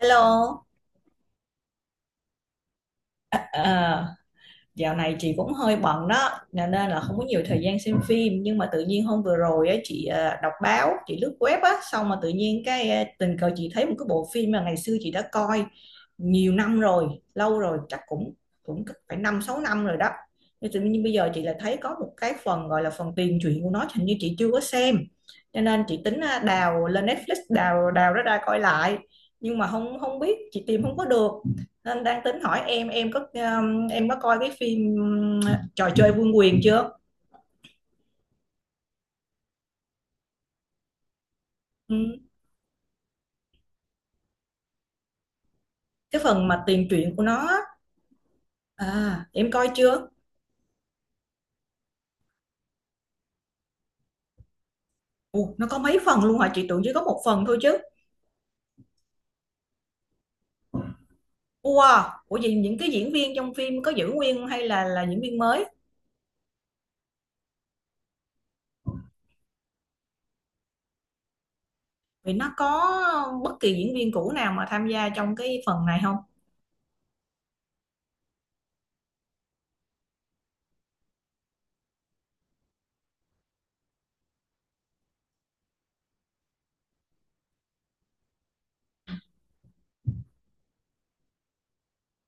Hello. Ờ, Dạo này chị cũng hơi bận đó, nên nên là không có nhiều thời gian xem phim. Nhưng mà tự nhiên hôm vừa rồi á, chị đọc báo, chị lướt web á, xong mà tự nhiên tình cờ chị thấy một cái bộ phim mà ngày xưa chị đã coi nhiều năm rồi, lâu rồi, chắc cũng cũng phải 5 6 năm rồi đó. Nhưng tự nhiên bây giờ chị lại thấy có một cái phần gọi là phần tiền truyện của nó, hình như chị chưa có xem, cho nên chị tính đào lên Netflix đào đào nó ra coi lại. Nhưng mà không không biết chị tìm không có được. Nên đang tính hỏi em có coi cái phim Trò chơi vương quyền chưa? Ừ. Cái phần mà tiền truyện của nó á. À em coi chưa? Ồ, nó có mấy phần luôn hả, chị tưởng chỉ có một phần thôi chứ. Wow, ủa vậy những cái diễn viên trong phim có giữ nguyên hay là diễn viên mới? Vì nó có bất kỳ diễn viên cũ nào mà tham gia trong cái phần này không?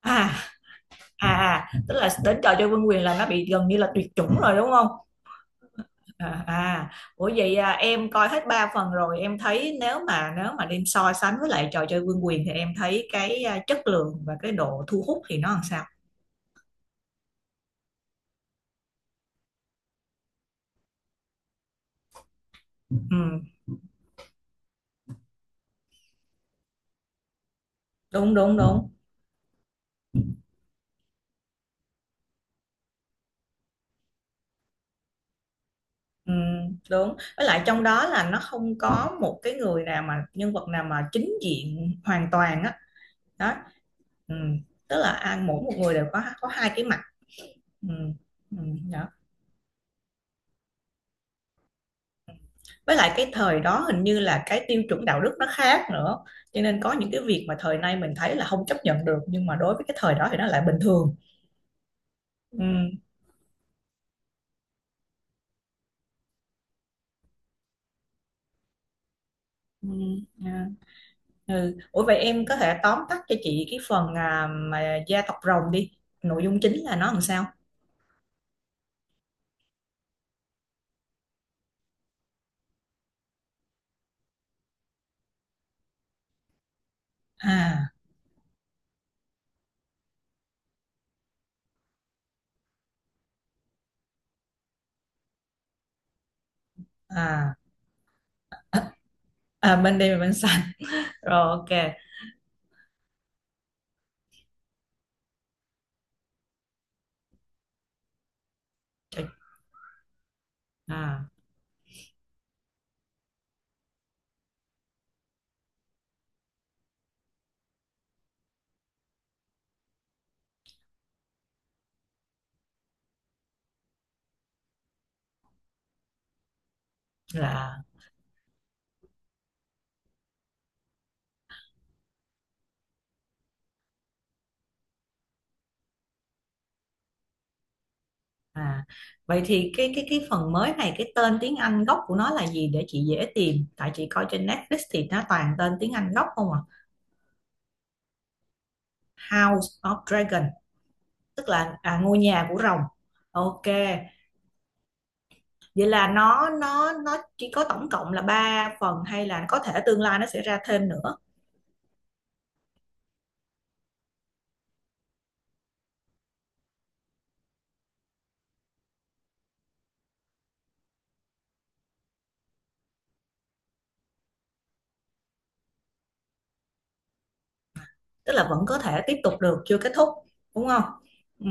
À à, tức là đến trò chơi vương quyền là nó bị gần như là tuyệt chủng rồi đúng không? À, à, ủa vậy à, em coi hết 3 phần rồi, em thấy nếu mà đem so sánh với lại trò chơi vương quyền thì em thấy chất lượng và cái độ thu hút thì nó làm sao? Ừ, đúng đúng đúng. Ừ, đúng, với lại trong đó là nó không có một cái người nào mà nhân vật nào mà chính diện hoàn toàn á. Đó. Ừ. Tức là ăn mỗi một người đều có hai cái mặt. Ừ. Ừ. Với lại cái thời đó hình như là cái tiêu chuẩn đạo đức nó khác nữa, cho nên có những cái việc mà thời nay mình thấy là không chấp nhận được nhưng mà đối với cái thời đó thì nó lại bình thường. Ừ. Ừ. À, ừ. Ủa vậy em có thể tóm tắt cho chị cái phần mà gia tộc rồng đi, nội dung chính là nó làm sao? À à à, bên đây là bên xanh. Rồi, ok. À, là. À, vậy thì cái phần mới này, cái tên tiếng Anh gốc của nó là gì để chị dễ tìm? Tại chị coi trên Netflix thì nó toàn tên tiếng Anh gốc không à? House of Dragon, tức là ngôi nhà của rồng. Ok. Vậy là nó chỉ có tổng cộng là 3 phần hay là có thể tương lai nó sẽ ra thêm nữa, tức là vẫn có thể tiếp tục được, chưa kết thúc, đúng không? Ừ,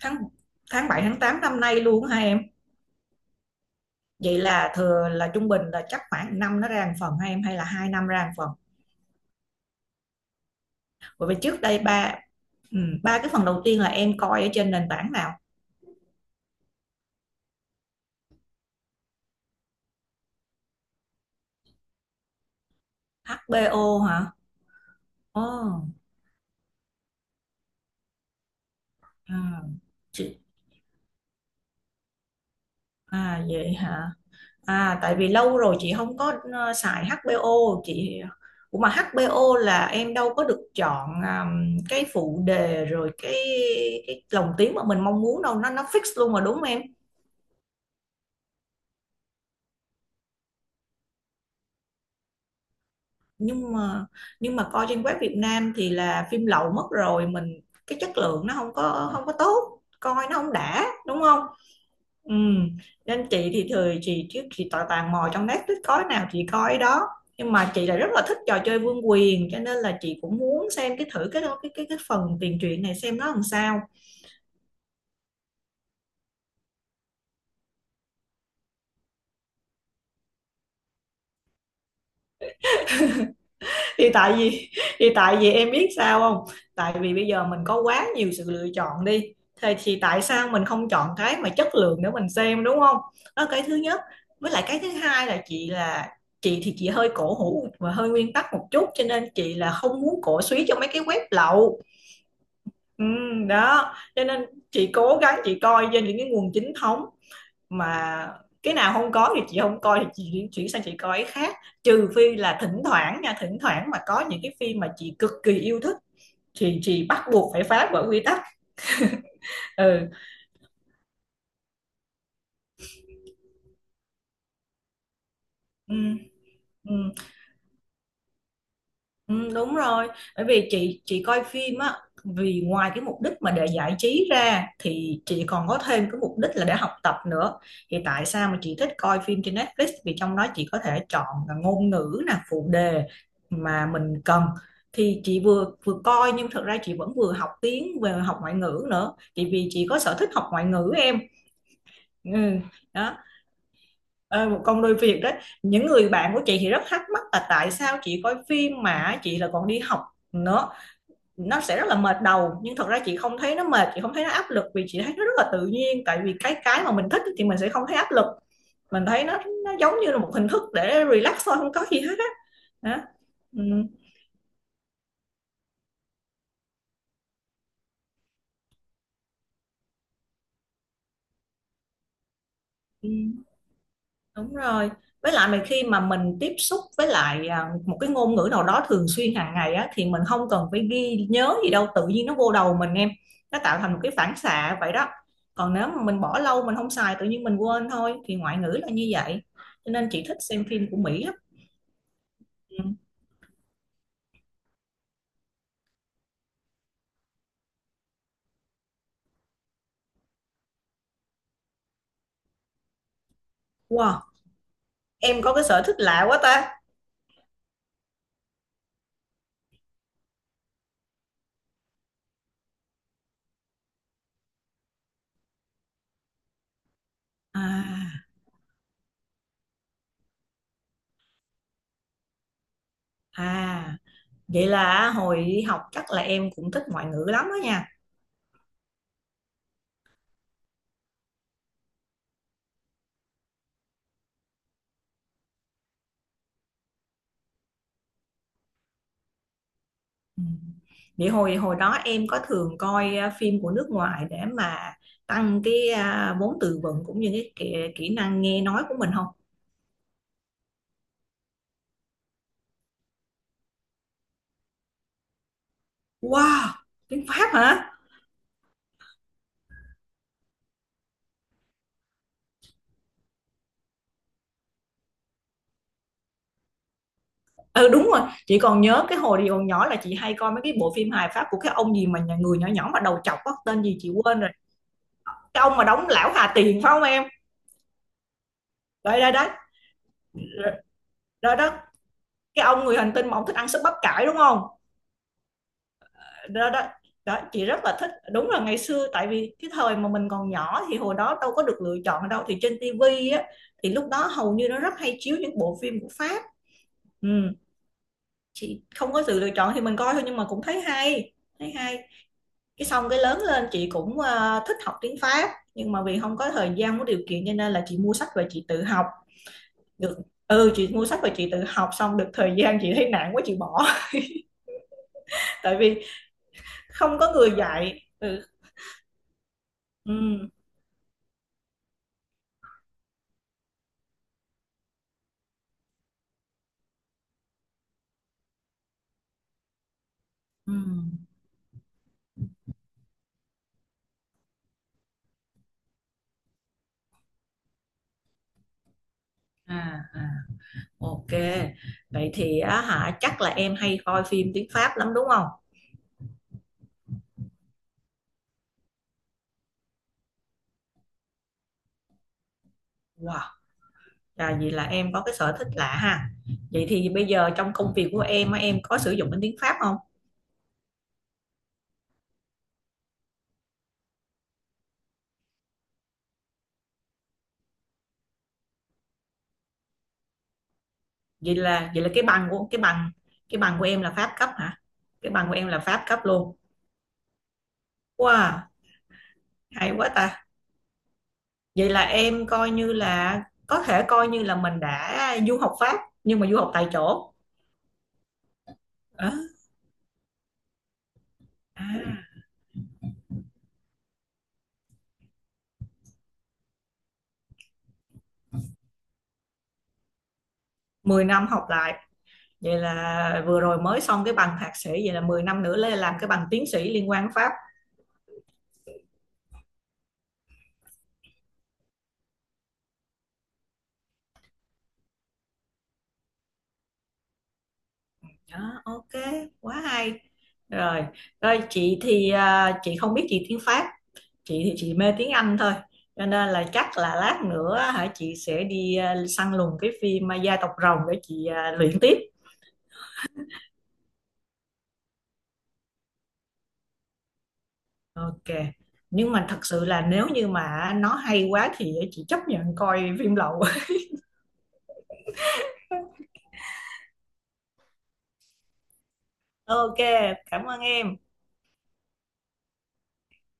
tháng tháng bảy tháng tám năm nay luôn hả em? Vậy là thừa là trung bình là chắc khoảng năm nó ra một phần hay em hay là 2 năm ra một phần? Bởi vì trước đây ba, ừ, 3 cái phần đầu tiên là em coi ở trên nền tảng nào? HBO hả? Ồ, à, chị, à vậy hả, à tại vì lâu rồi chị không có xài HBO. Chị. Ủa mà HBO là em đâu có được chọn cái phụ đề rồi cái lồng tiếng mà mình mong muốn đâu, nó fix luôn mà đúng không em? nhưng mà nhưng mà coi trên web Việt Nam thì là phim lậu mất rồi mình, cái chất lượng nó không có tốt, coi nó không đã đúng không? Ừ. Nên chị thì thời chị trước chị tò tàn mò trong Netflix có nào chị coi đó, nhưng mà chị lại rất là thích trò chơi vương quyền cho nên là chị cũng muốn xem cái thử cái phần tiền truyện này xem nó làm sao. Thì tại vì thì tại vì em biết sao không, tại vì bây giờ mình có quá nhiều sự lựa chọn đi, thì tại sao mình không chọn cái mà chất lượng để mình xem đúng không? Đó là cái thứ nhất. Với lại cái thứ hai là chị thì chị hơi cổ hủ và hơi nguyên tắc một chút, cho nên chị là không muốn cổ suý cho mấy cái web lậu. Ừ, đó cho nên chị cố gắng chị coi trên những cái nguồn chính thống, mà cái nào không có thì chị không coi, thì chị chuyển chuyển sang chị coi cái khác, trừ phi là thỉnh thoảng nha, thỉnh thoảng mà có những cái phim mà chị cực kỳ yêu thích thì chị bắt buộc phải phá vỡ quy tắc. Ừ. Ừ. Ừ. Ừ, đúng rồi, bởi vì chị coi phim á, vì ngoài cái mục đích mà để giải trí ra thì chị còn có thêm cái mục đích là để học tập nữa. Thì tại sao mà chị thích coi phim trên Netflix, vì trong đó chị có thể chọn là ngôn ngữ nè, phụ đề mà mình cần, thì chị vừa vừa coi nhưng thật ra chị vẫn vừa học tiếng vừa học ngoại ngữ nữa, thì vì chị có sở thích học ngoại ngữ em. Ừ, đó. Ờ, một công đôi việc đấy. Những người bạn của chị thì rất thắc mắc là tại sao chị coi phim mà chị là còn đi học nữa, nó sẽ rất là mệt đầu, nhưng thật ra chị không thấy nó mệt, chị không thấy nó áp lực vì chị thấy nó rất là tự nhiên, tại vì cái mà mình thích thì mình sẽ không thấy áp lực, mình thấy nó giống như là một hình thức để relax thôi, không có gì hết á. Đó. Ừ. Ừ. Đúng rồi. Với lại mà khi mà mình tiếp xúc với lại một cái ngôn ngữ nào đó thường xuyên hàng ngày á thì mình không cần phải ghi nhớ gì đâu, tự nhiên nó vô đầu mình em. Nó tạo thành một cái phản xạ vậy đó. Còn nếu mà mình bỏ lâu mình không xài tự nhiên mình quên thôi, thì ngoại ngữ là như vậy. Cho nên chị thích xem phim của Mỹ lắm. Ừ. Wow, em có cái sở thích lạ quá ta. À, à, vậy là hồi đi học chắc là em cũng thích ngoại ngữ lắm đó nha. Ừ. Vậy hồi hồi đó em có thường coi phim của nước ngoài để mà tăng cái vốn từ vựng cũng như cái kỹ năng nghe nói của mình không? Wow, tiếng Pháp hả? Ừ đúng rồi, chị còn nhớ cái hồi đi còn nhỏ là chị hay coi mấy cái bộ phim hài Pháp của cái ông gì mà nhà người nhỏ nhỏ mà đầu chọc á, tên gì chị quên rồi. Cái ông mà đóng lão Hà Tiền phải không em? Đấy đấy đấy. Rồi đó, cái ông người hành tinh mà ông thích ăn súp bắp cải đúng không? Đó, đó. Đó chị rất là thích, đúng là ngày xưa tại vì cái thời mà mình còn nhỏ thì hồi đó đâu có được lựa chọn đâu, thì trên tivi á thì lúc đó hầu như nó rất hay chiếu những bộ phim của Pháp. Ừ. Chị không có sự lựa chọn thì mình coi thôi nhưng mà cũng thấy hay, thấy hay. Cái xong cái lớn lên chị cũng thích học tiếng Pháp, nhưng mà vì không có thời gian có điều kiện cho nên là chị mua sách và chị tự học được. Ừ, chị mua sách và chị tự học xong được thời gian chị thấy nản quá chị bỏ. Tại vì không có người dạy. Ừ. Ừ. Ừ. À, à. Ok, vậy thì á hả chắc là em hay coi phim tiếng Pháp lắm đúng không? Wow, là vì là em có cái sở thích lạ ha. Vậy thì bây giờ trong công việc của em á, em có sử dụng đến tiếng Pháp không? Vậy là cái bằng, cái bằng của em là Pháp cấp hả? Cái bằng của em là Pháp cấp luôn. Wow, hay quá ta. Vậy là em coi như là có thể coi như là mình đã du học Pháp nhưng mà du học tại chỗ. À, à, mười năm học lại. Vậy là vừa rồi mới xong cái bằng thạc sĩ vậy là 10 năm nữa lên làm cái bằng tiến sĩ liên quan Pháp. Đó, ok, quá hay. Rồi, rồi chị thì chị không biết gì tiếng Pháp, chị thì chị mê tiếng Anh thôi. Cho nên là chắc là lát nữa hả chị sẽ đi săn lùng cái phim Gia tộc Rồng để chị luyện tiếp. Ok. Nhưng mà thật sự là nếu như mà nó hay quá thì chị chấp nhận coi phim lậu. Ok, cảm ơn em.